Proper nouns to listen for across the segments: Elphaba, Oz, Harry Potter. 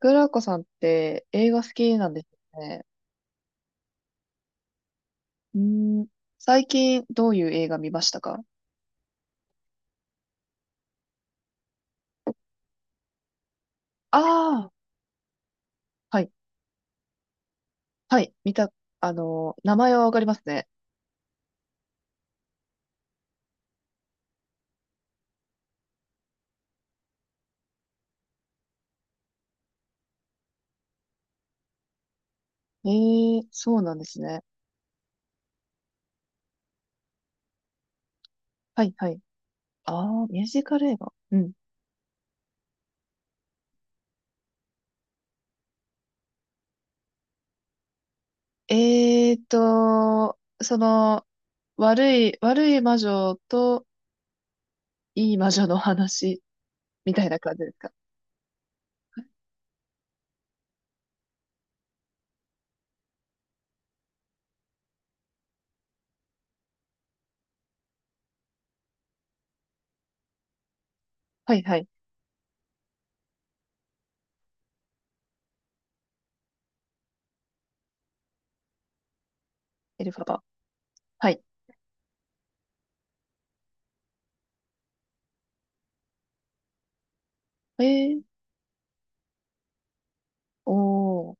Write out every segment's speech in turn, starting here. グラコさんって映画好きなんですよね。うーん、最近どういう映画見ましたか？ああー、はい、はい、見た、名前はわかりますね。ええ、そうなんですね。はい、はい。ああ、ミュージカル映画。うん。その、悪い魔女といい魔女の話みたいな感じですか？はい、はい。エルファバ。はい。えー、おー、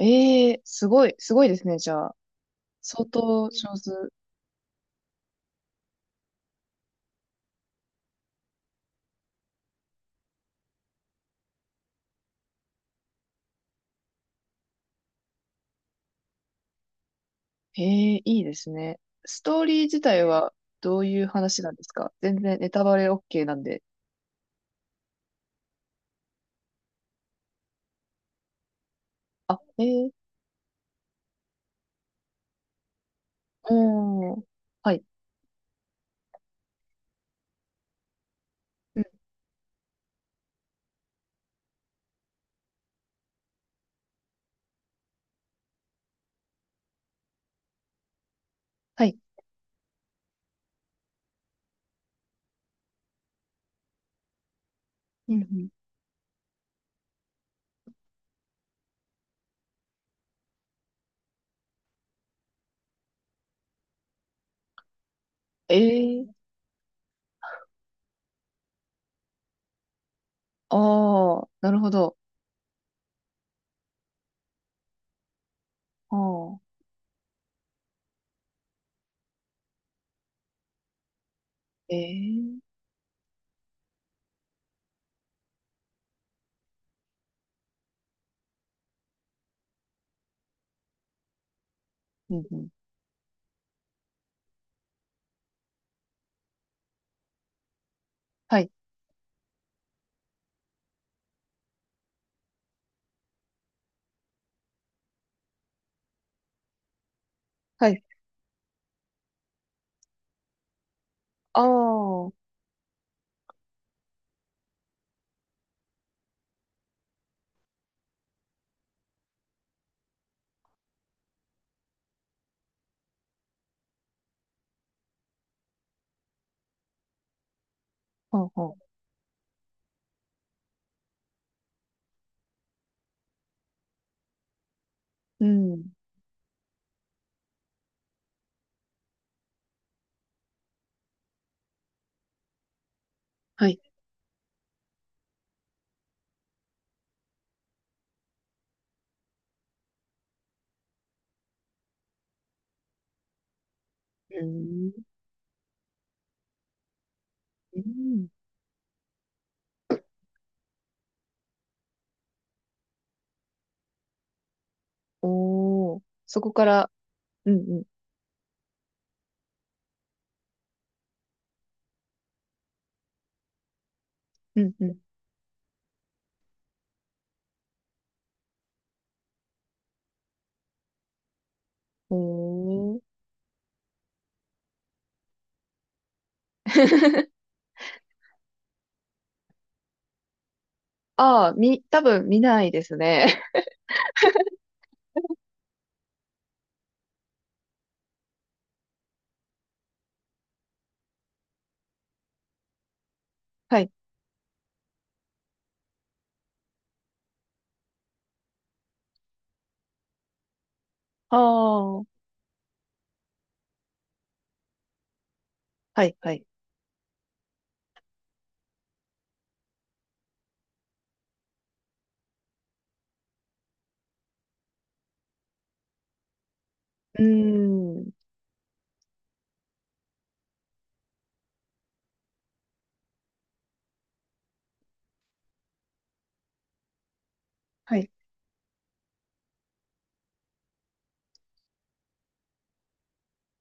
えー、すごい、すごいですね、じゃあ。相当上手。ええ、いいですね。ストーリー自体はどういう話なんですか？全然ネタバレ OK なんで。あ、ええ、おー、はい、うん、はい。うんうん、ええ、ああ、なるほど。ああ、ええ、うんうん、はい、はい、ああ、はは、ううん、はい、うん、うん、おー、そこから、うん、うん、うん、うん、おー、ああ、多分見ないですね。はい、ああ、はいはい。うーん。はい、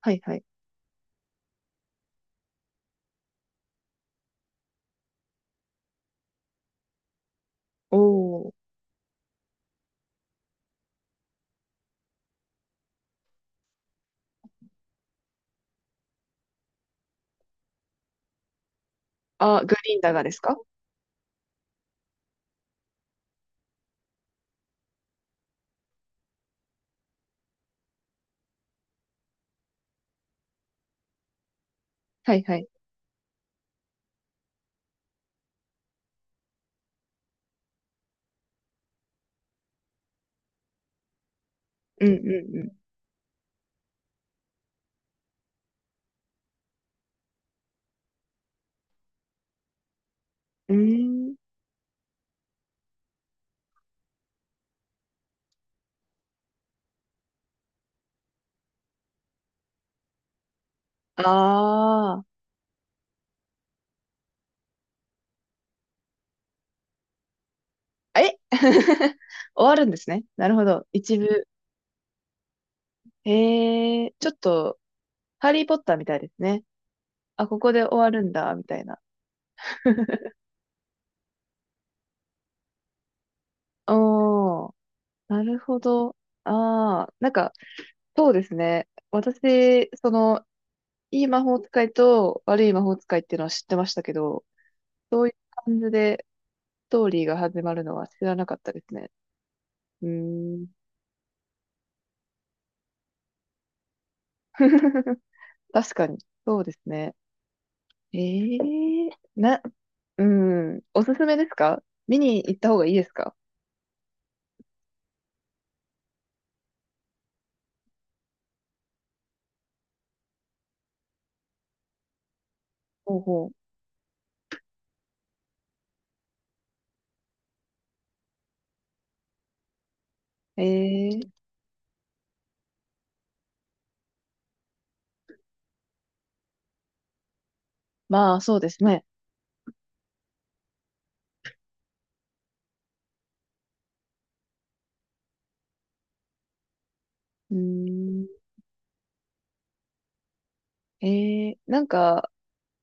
はい、はい。おお。あ、グリーンだがですか？はいはい。うんうんうん。うーん。ああ。え 終わるんですね。なるほど。一部。へえ、ちょっと、ハリーポッターみたいですね。あ、ここで終わるんだ、みたいな。おー、なるほど。ああ、なんか、そうですね。私、その、いい魔法使いと悪い魔法使いっていうのは知ってましたけど、漢字でストーリーが始まるのは知らなかったですね。うーん。確かに。そうですね。ええ、な、うん。おすすめですか？見に行った方がいいですか？ほうほう。ええ、まあ、そうですね。うーん。ええ、なんか、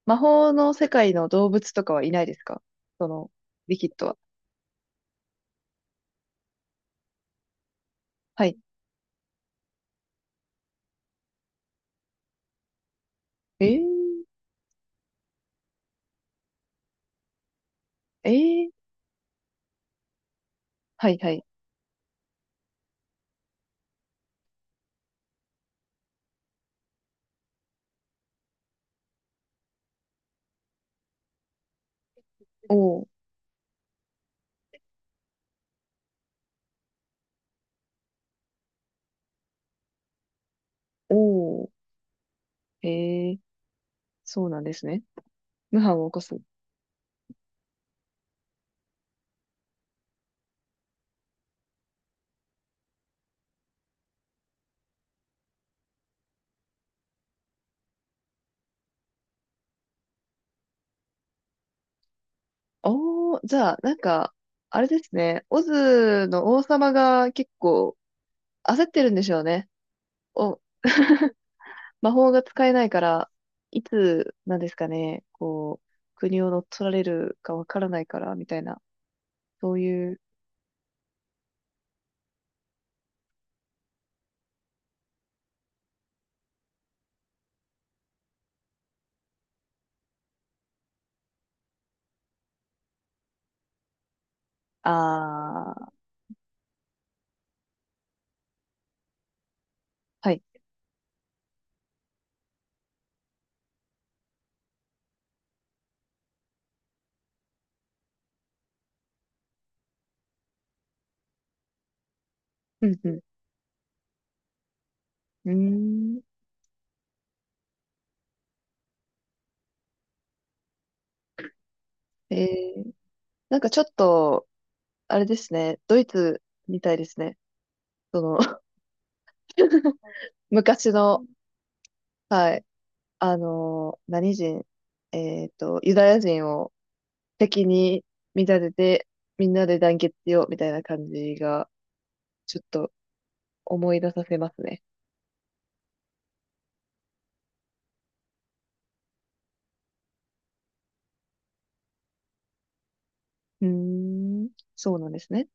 魔法の世界の動物とかはいないですか？その、リキッドは。はい。ええ、ええ、はいはい。おお、おお、ええ、そうなんですね。無反を起こす。おー、じゃあ、なんか、あれですね。オズの王様が結構焦ってるんでしょうね。お、魔法が使えないから、いつ、なんですかね、こう、国を乗っ取られるかわからないから、みたいな、そういう、あー、はい。うん、うん。うーん。えー、なんかちょっと、あれですね。ドイツみたいですね。その、昔の、はい。あのー何人、えっと、ユダヤ人を、敵に見立てて、みんなで団結しようみたいな感じが、ちょっと思い出させますね。うーん、そうなんですね。